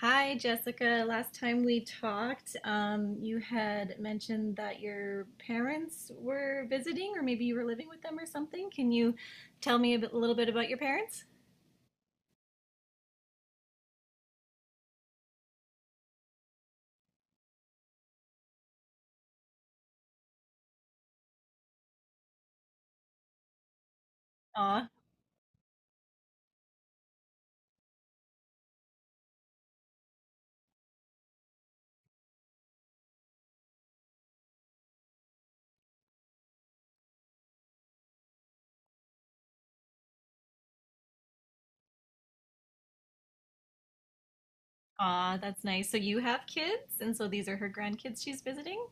Hi, Jessica. Last time we talked, you had mentioned that your parents were visiting, or maybe you were living with them or something. Can you tell me a little bit about your parents? Aw, aw, that's nice. So you have kids, and so these are her grandkids she's visiting?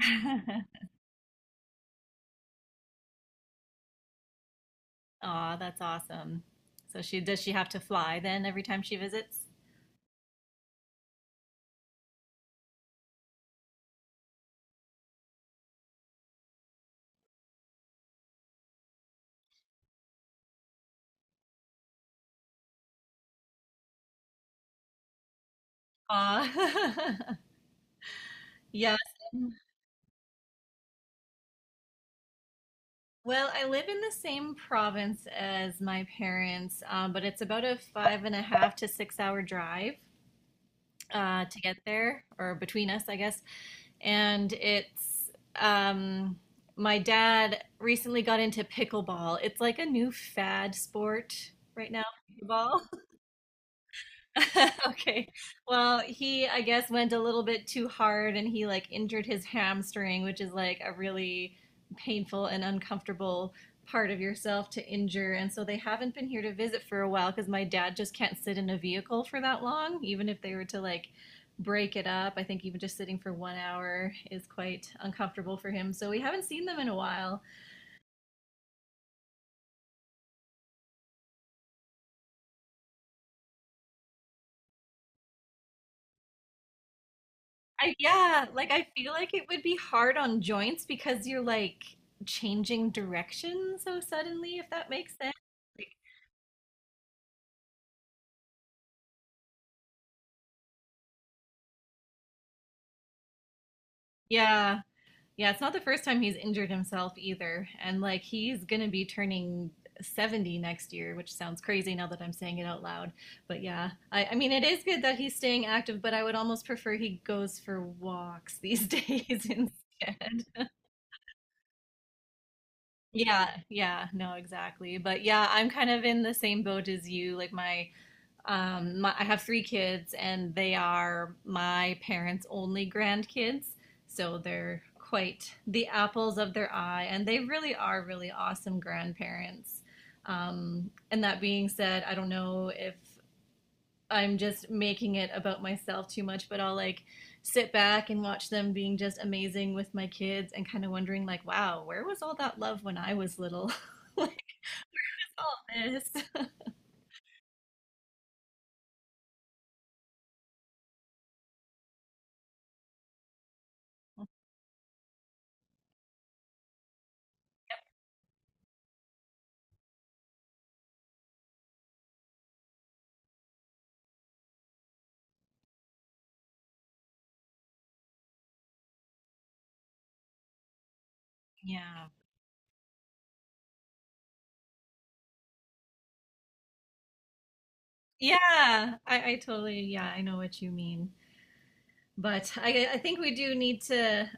Aw, aw, that's awesome. So she does she have to fly then every time she visits? Aw. Yeah. Well, I live in the same province as my parents, but it's about a five and a half to 6-hour drive to get there, or between us, I guess. And it's um, my dad recently got into pickleball. It's like a new fad sport right now, pickleball. Okay. Well, he, I guess, went a little bit too hard and he like injured his hamstring, which is like a really painful and uncomfortable part of yourself to injure. And so they haven't been here to visit for a while because my dad just can't sit in a vehicle for that long, even if they were to like break it up. I think even just sitting for one hour is quite uncomfortable for him. So we haven't seen them in a while. Yeah, like I feel like it would be hard on joints because you're like changing direction so suddenly, if that makes sense. Like, yeah, yeah, it's not the first time he's injured himself either. And like he's gonna be turning 70 next year, which sounds crazy now that I'm saying it out loud. But yeah, I mean, it is good that he's staying active, but I would almost prefer he goes for walks these days instead. Yeah, yeah, no, exactly. But yeah, I'm kind of in the same boat as you. I have 3 kids, and they are my parents' only grandkids. So they're quite the apples of their eye, and they really are really awesome grandparents. And that being said, I don't know if I'm just making it about myself too much, but I'll like sit back and watch them being just amazing with my kids and kind of wondering, like, wow, where was all that love when I was little? Like all this? Yeah. Yeah, I totally, yeah, I know what you mean. But I think we do need to,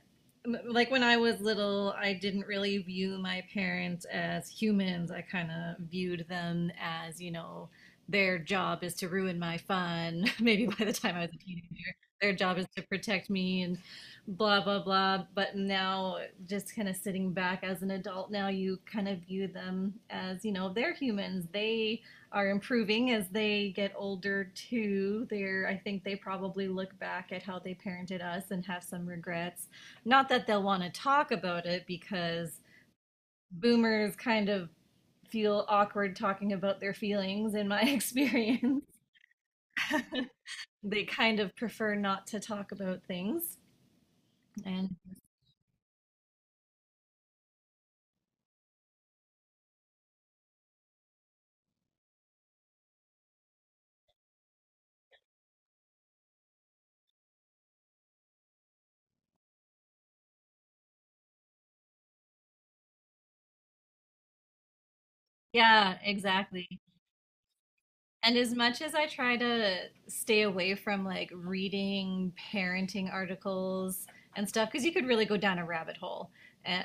like when I was little, I didn't really view my parents as humans. I kind of viewed them as their job is to ruin my fun. Maybe by the time I was a teenager, their job is to protect me and blah, blah, blah. But now, just kind of sitting back as an adult, now you kind of view them as they're humans. They are improving as they get older too. They're I think they probably look back at how they parented us and have some regrets. Not that they'll want to talk about it because boomers kind of feel awkward talking about their feelings in my experience. They kind of prefer not to talk about things. And yeah, exactly. And as much as I try to stay away from like reading parenting articles and stuff, because you could really go down a rabbit hole. And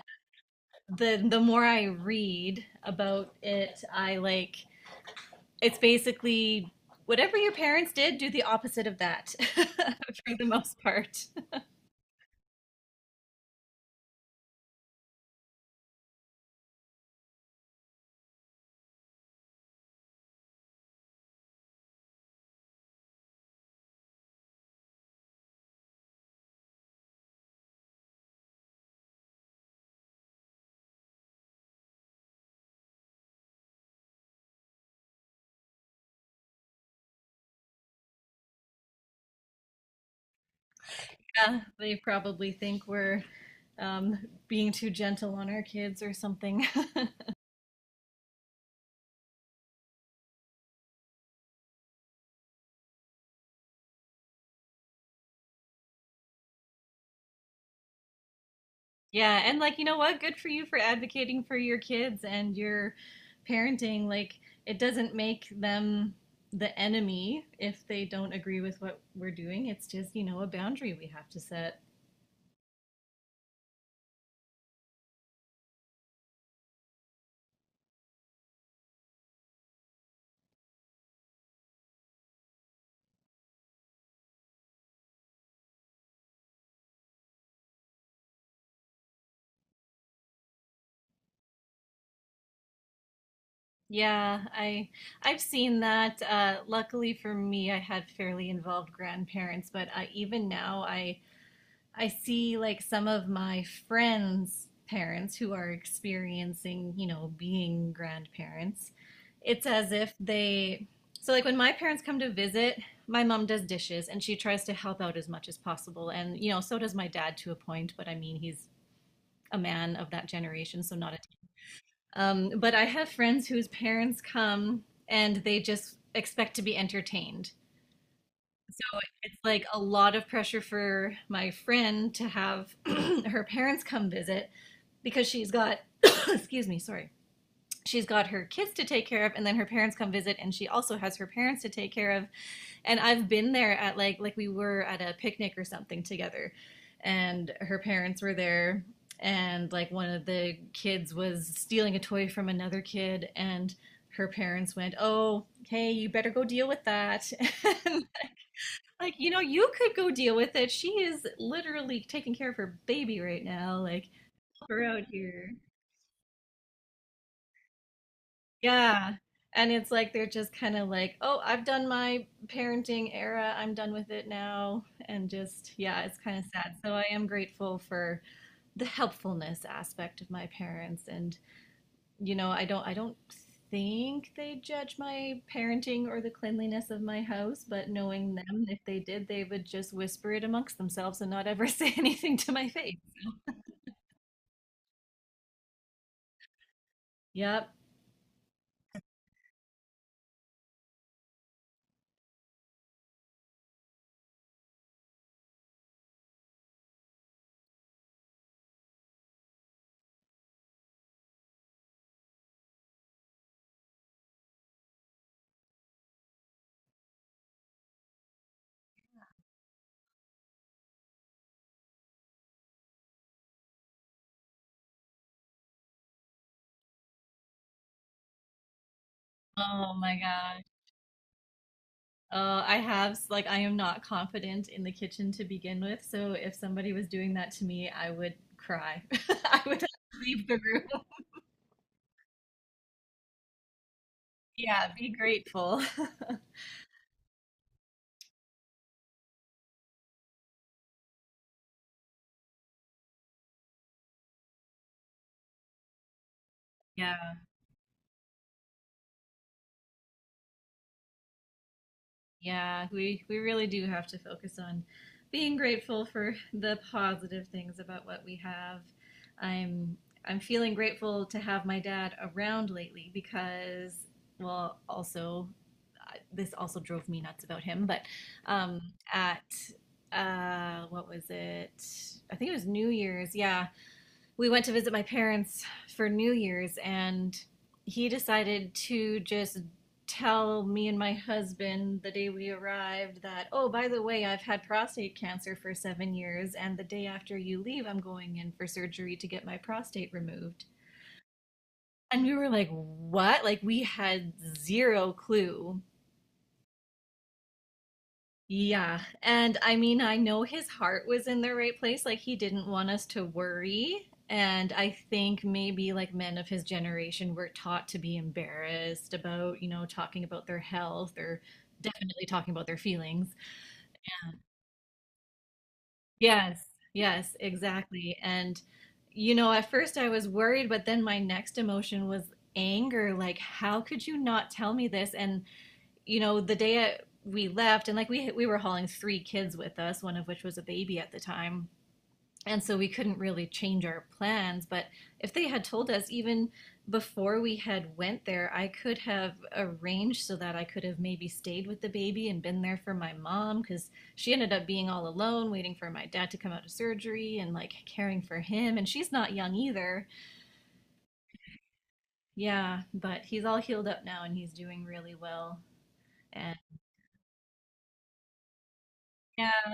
the more I read about it, I like it's basically whatever your parents did, do the opposite of that for the most part. Yeah, they probably think we're um, being too gentle on our kids or something. Yeah, and like you know what? Good for you for advocating for your kids and your parenting. Like it doesn't make them the enemy if they don't agree with what we're doing. It's just a boundary we have to set. Yeah, I've seen that. Luckily for me, I had fairly involved grandparents, but even now I see like some of my friends' parents who are experiencing being grandparents. It's as if they, So like when my parents come to visit, my mom does dishes and she tries to help out as much as possible. And so does my dad to a point, but I mean, he's a man of that generation, so not a, but I have friends whose parents come and they just expect to be entertained. So it's like a lot of pressure for my friend to have her parents come visit because she's got, excuse me, sorry. She's got her kids to take care of, and then her parents come visit, and she also has her parents to take care of. And I've been there at like we were at a picnic or something together, and her parents were there, and like one of the kids was stealing a toy from another kid, and her parents went, "Oh, hey, you better go deal with that." And like, you could go deal with it. She is literally taking care of her baby right now. Like, help her out here. Yeah. And it's like they're just kind of like, oh, I've done my parenting era. I'm done with it now. And just, yeah, it's kind of sad. So I am grateful for the helpfulness aspect of my parents and I don't think they judge my parenting or the cleanliness of my house, but knowing them, if they did, they would just whisper it amongst themselves and not ever say anything to my face. Yep. Oh my gosh. Like, I am not confident in the kitchen to begin with, so if somebody was doing that to me, I would cry. I would leave the room. Yeah, be grateful. Yeah. Yeah, we really do have to focus on being grateful for the positive things about what we have. I'm I'm feeling grateful to have my dad around lately because well, also this also drove me nuts about him, but um at what was it? I think it was New Year's. Yeah, we went to visit my parents for New Year's, and he decided to just tell me and my husband the day we arrived that, oh, by the way, I've had prostate cancer for 7 years, and the day after you leave, I'm going in for surgery to get my prostate removed. And we were like, what? Like, we had zero clue Yeah. And I mean, I know his heart was in the right place. Like, he didn't want us to worry. And I think maybe like men of his generation were taught to be embarrassed about talking about their health or definitely talking about their feelings. Yes. Yes, exactly. And at first I was worried, but then my next emotion was anger. Like, how could you not tell me this? And the day we left, and like we were hauling 3 kids with us, one of which was a baby at the time, and so we couldn't really change our plans. But if they had told us even before we had went there, I could have arranged so that I could have maybe stayed with the baby and been there for my mom because she ended up being all alone, waiting for my dad to come out of surgery and like caring for him. And she's not young either. Yeah, but he's all healed up now and he's doing really well. And yeah,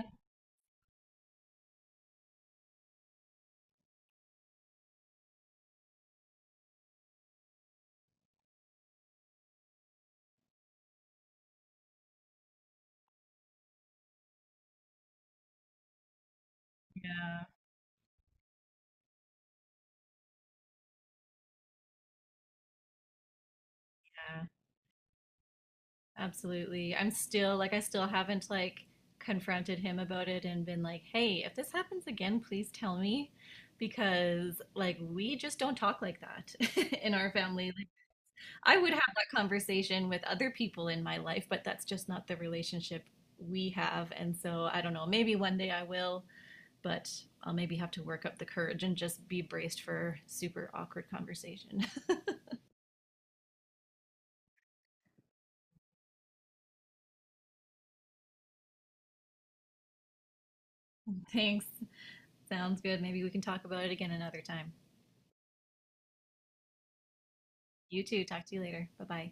yeah, yeah. Absolutely. I still haven't like confronted him about it and been like, "Hey, if this happens again, please tell me." Because like we just don't talk like that in our family. Like, I would have that conversation with other people in my life, but that's just not the relationship we have. And so I don't know, maybe one day I will, but I'll maybe have to work up the courage and just be braced for super awkward conversation. Thanks. Sounds good. Maybe we can talk about it again another time. You too. Talk to you later. Bye bye.